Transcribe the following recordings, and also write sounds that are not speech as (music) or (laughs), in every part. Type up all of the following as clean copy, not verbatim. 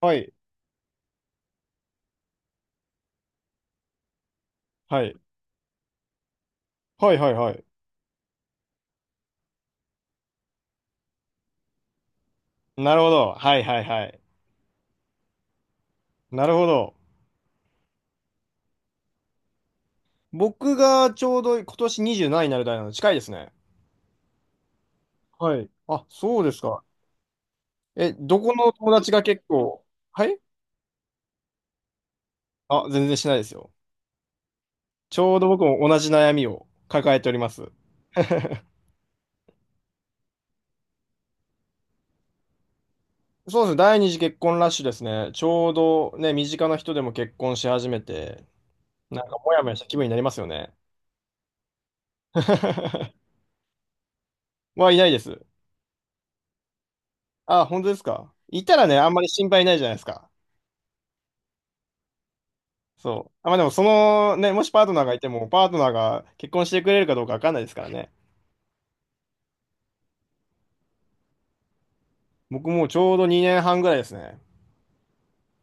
はい、はい、はい、はい、はい。なるほど。はい、はい、はい。なるほど。僕がちょうど今年27になる代なので近いですね。はい。あ、そうですか。え、どこの友達が結構、はい。あ、全然しないですよ。ちょうど僕も同じ悩みを抱えております。そうですね。第二次結婚ラッシュですね。ちょうどね、身近な人でも結婚し始めて、なんかモヤモヤした気分になりますよね。(laughs) はいないです。あ、本当ですか。いたらね、あんまり心配ないじゃないですか。そう。あ、まあでも、そのね、もしパートナーがいても、パートナーが結婚してくれるかどうかわかんないですからね。僕もうちょうど2年半ぐらいですね。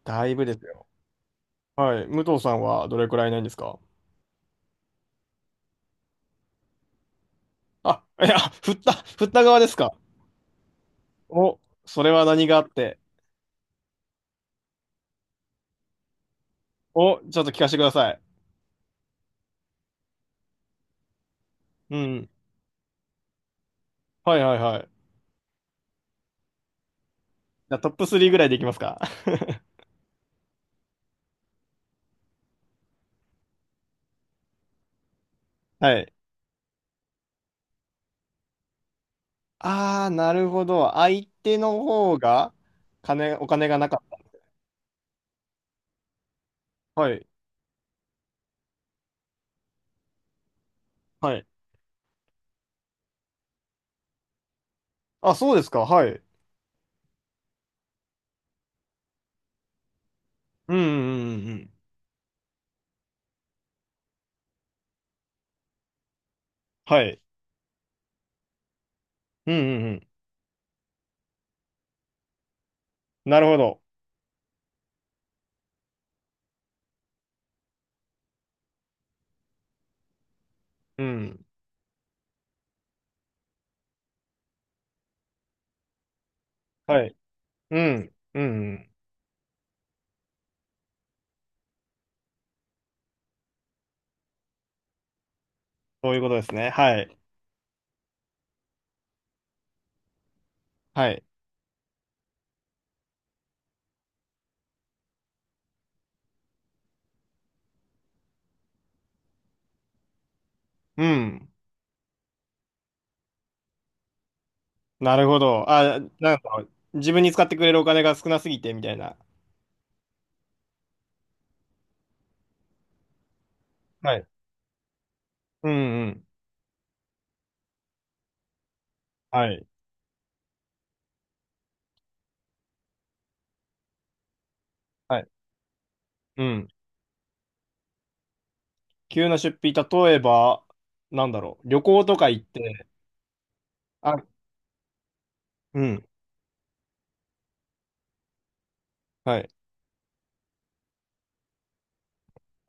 だいぶですよ。はい。武藤さんはどれくらいないんですか？あ、いや、振った側ですか？お、それは何があって。お、ちょっと聞かせてください。うん。はいはいはい。じゃあトップ3ぐらいでいきますか？ (laughs) はい。あー、なるほど。相手の方が、お金がなかった。はい。はい。あ、そうですか。はい。うんうんうんうん。はい。うんうんうん。なるほど。うん。はい。うん。うんうん。そういうことですね。はい。はい。うん。なるほど。あ、なんか、自分に使ってくれるお金が少なすぎて、みたいな。はい。うんうん。はい。はい。うん。急な出費、例えば、なんだろう。旅行とか行って、あ、うん。はい。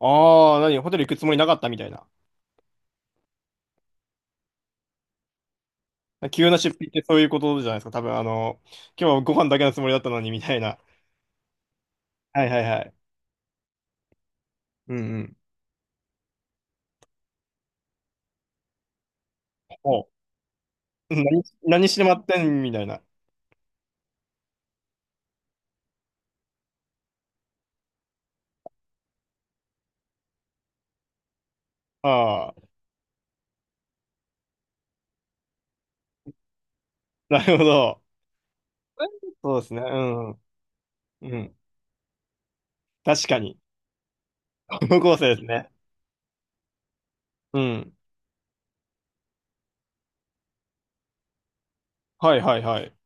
ああ、何、ホテル行くつもりなかったみたいな。急な出費ってそういうことじゃないですか。多分、今日はご飯だけのつもりだったのに、みたいな。はいはいはい。うんうん。お、何してまってんみたいな。ああ、なるほど。そうですね。うん。うん。確かに。高校生ですね。うん。はいはいはい。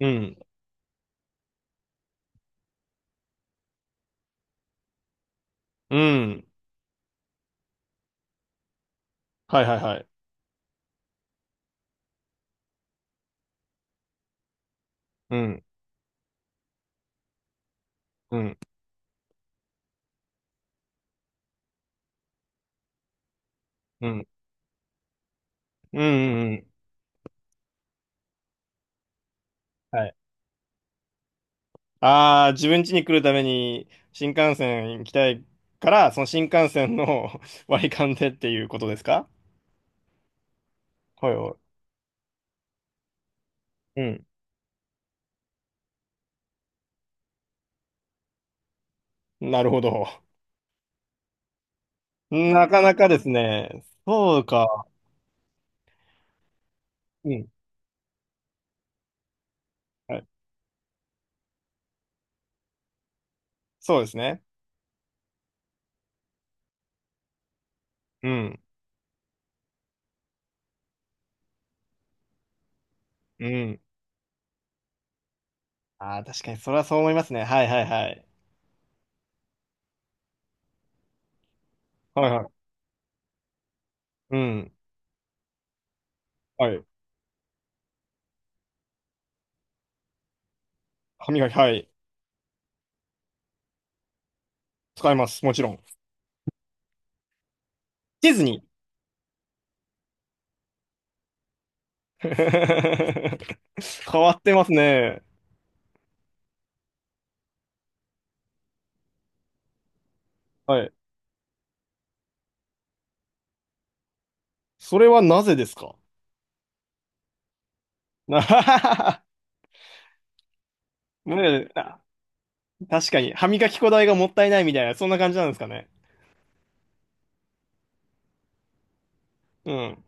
うん。うん。はいはいはい。うん。うん。うん。うん。うん。はい。ああ、自分家に来るために新幹線行きたいから、その新幹線の (laughs) 割り勘でっていうことですか？はいはい。うん。なるほど。なかなかですね。そうか。うん。はい。そうですね。うん。うん。ああ、確かに、それはそう思いますね。はいはいはい。はいはい。うん。はい。歯磨き、はい。使います。もちろん。ディズニー。(laughs) 変わってますね。はい。それはなぜですか？ (laughs) ねえ、あ、確かに。歯磨き粉代がもったいないみたいな、そんな感じなんですかね。う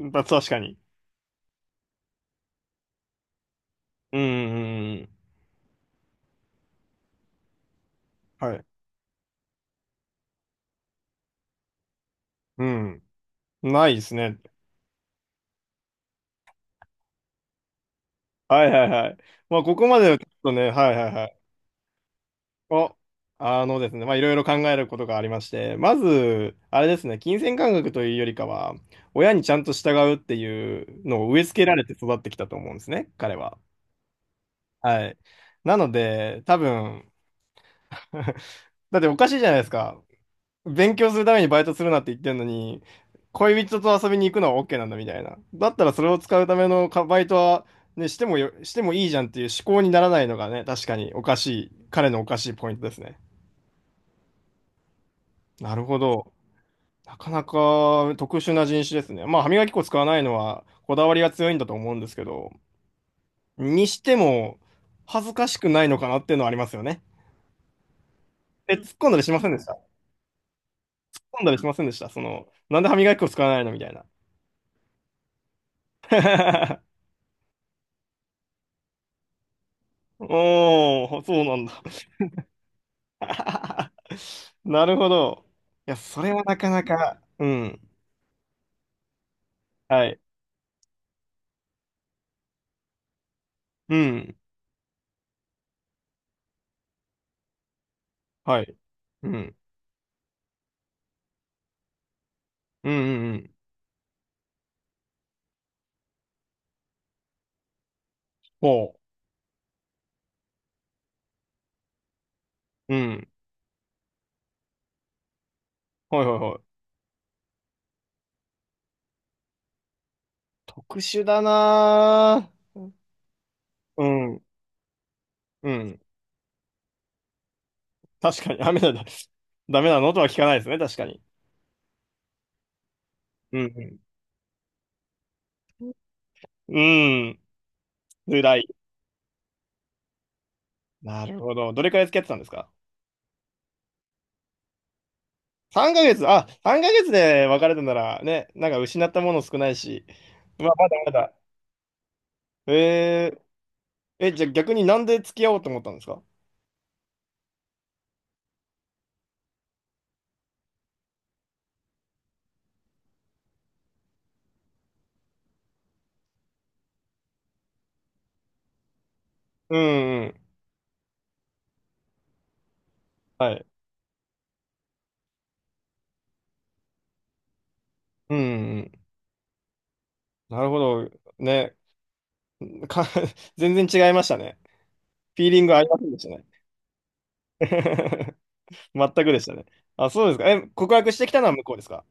ん。確かに。うんうんうんうん。はい。うん。ないですね。はいはいはい。まあ、ここまではちょっとね、はいはいはい。お、あのですね、まあ、いろいろ考えることがありまして、まず、あれですね、金銭感覚というよりかは、親にちゃんと従うっていうのを植え付けられて育ってきたと思うんですね、彼は。はい。なので、多分 (laughs) だっておかしいじゃないですか。勉強するためにバイトするなって言ってるのに、恋人と遊びに行くのは OK なんだみたいな。だったらそれを使うためのかバイトは、ね、してもいいじゃんっていう思考にならないのがね、確かにおかしい、彼のおかしいポイントですね。なるほど。なかなか特殊な人種ですね。まあ、歯磨き粉使わないのはこだわりが強いんだと思うんですけど、にしても恥ずかしくないのかなっていうのはありますよね。え、突っ込んだりしませんでした？突っ込んだりしませんでしたその、なんで歯磨き粉使わないのみたいな。(laughs) おー、そうなんだ。(laughs) なるほど。いや、それはなかなか、うん。はい。うん。はい。うん。うん、うん、うん。ほう。うん。はい、はい、はい。特殊だなぁ。うん。うん。確かに、ダメだ、(laughs) ダメなのとは聞かないですね、確かに。うん。うん。辛い。なるほど。どれくらい付き合ってたんですか ?3 ヶ月、あ、3ヶ月で別れたなら、ね、なんか失ったもの少ないし。まあ、まだまだ。えー、え、じゃあ逆になんで付き合おうと思ったんですか？うんうん。はい。うんうん。なるほど。ね。か、(laughs) 全然違いましたね。フィーリングありませんでしたね。(laughs) 全くでしたね。あ、そうですか。え、告白してきたのは向こうですか？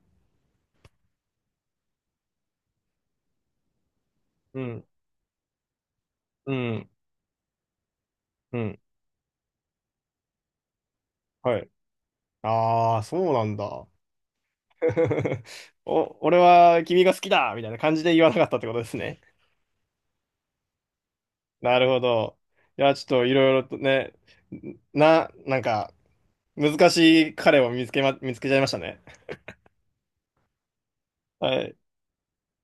うん。うん、うん、はい。ああ、そうなんだ。(laughs) お、俺は君が好きだみたいな感じで言わなかったってことですね。なるほど。いや、ちょっといろいろとね、なんか、難しい彼を見つけちゃいましたね。はい。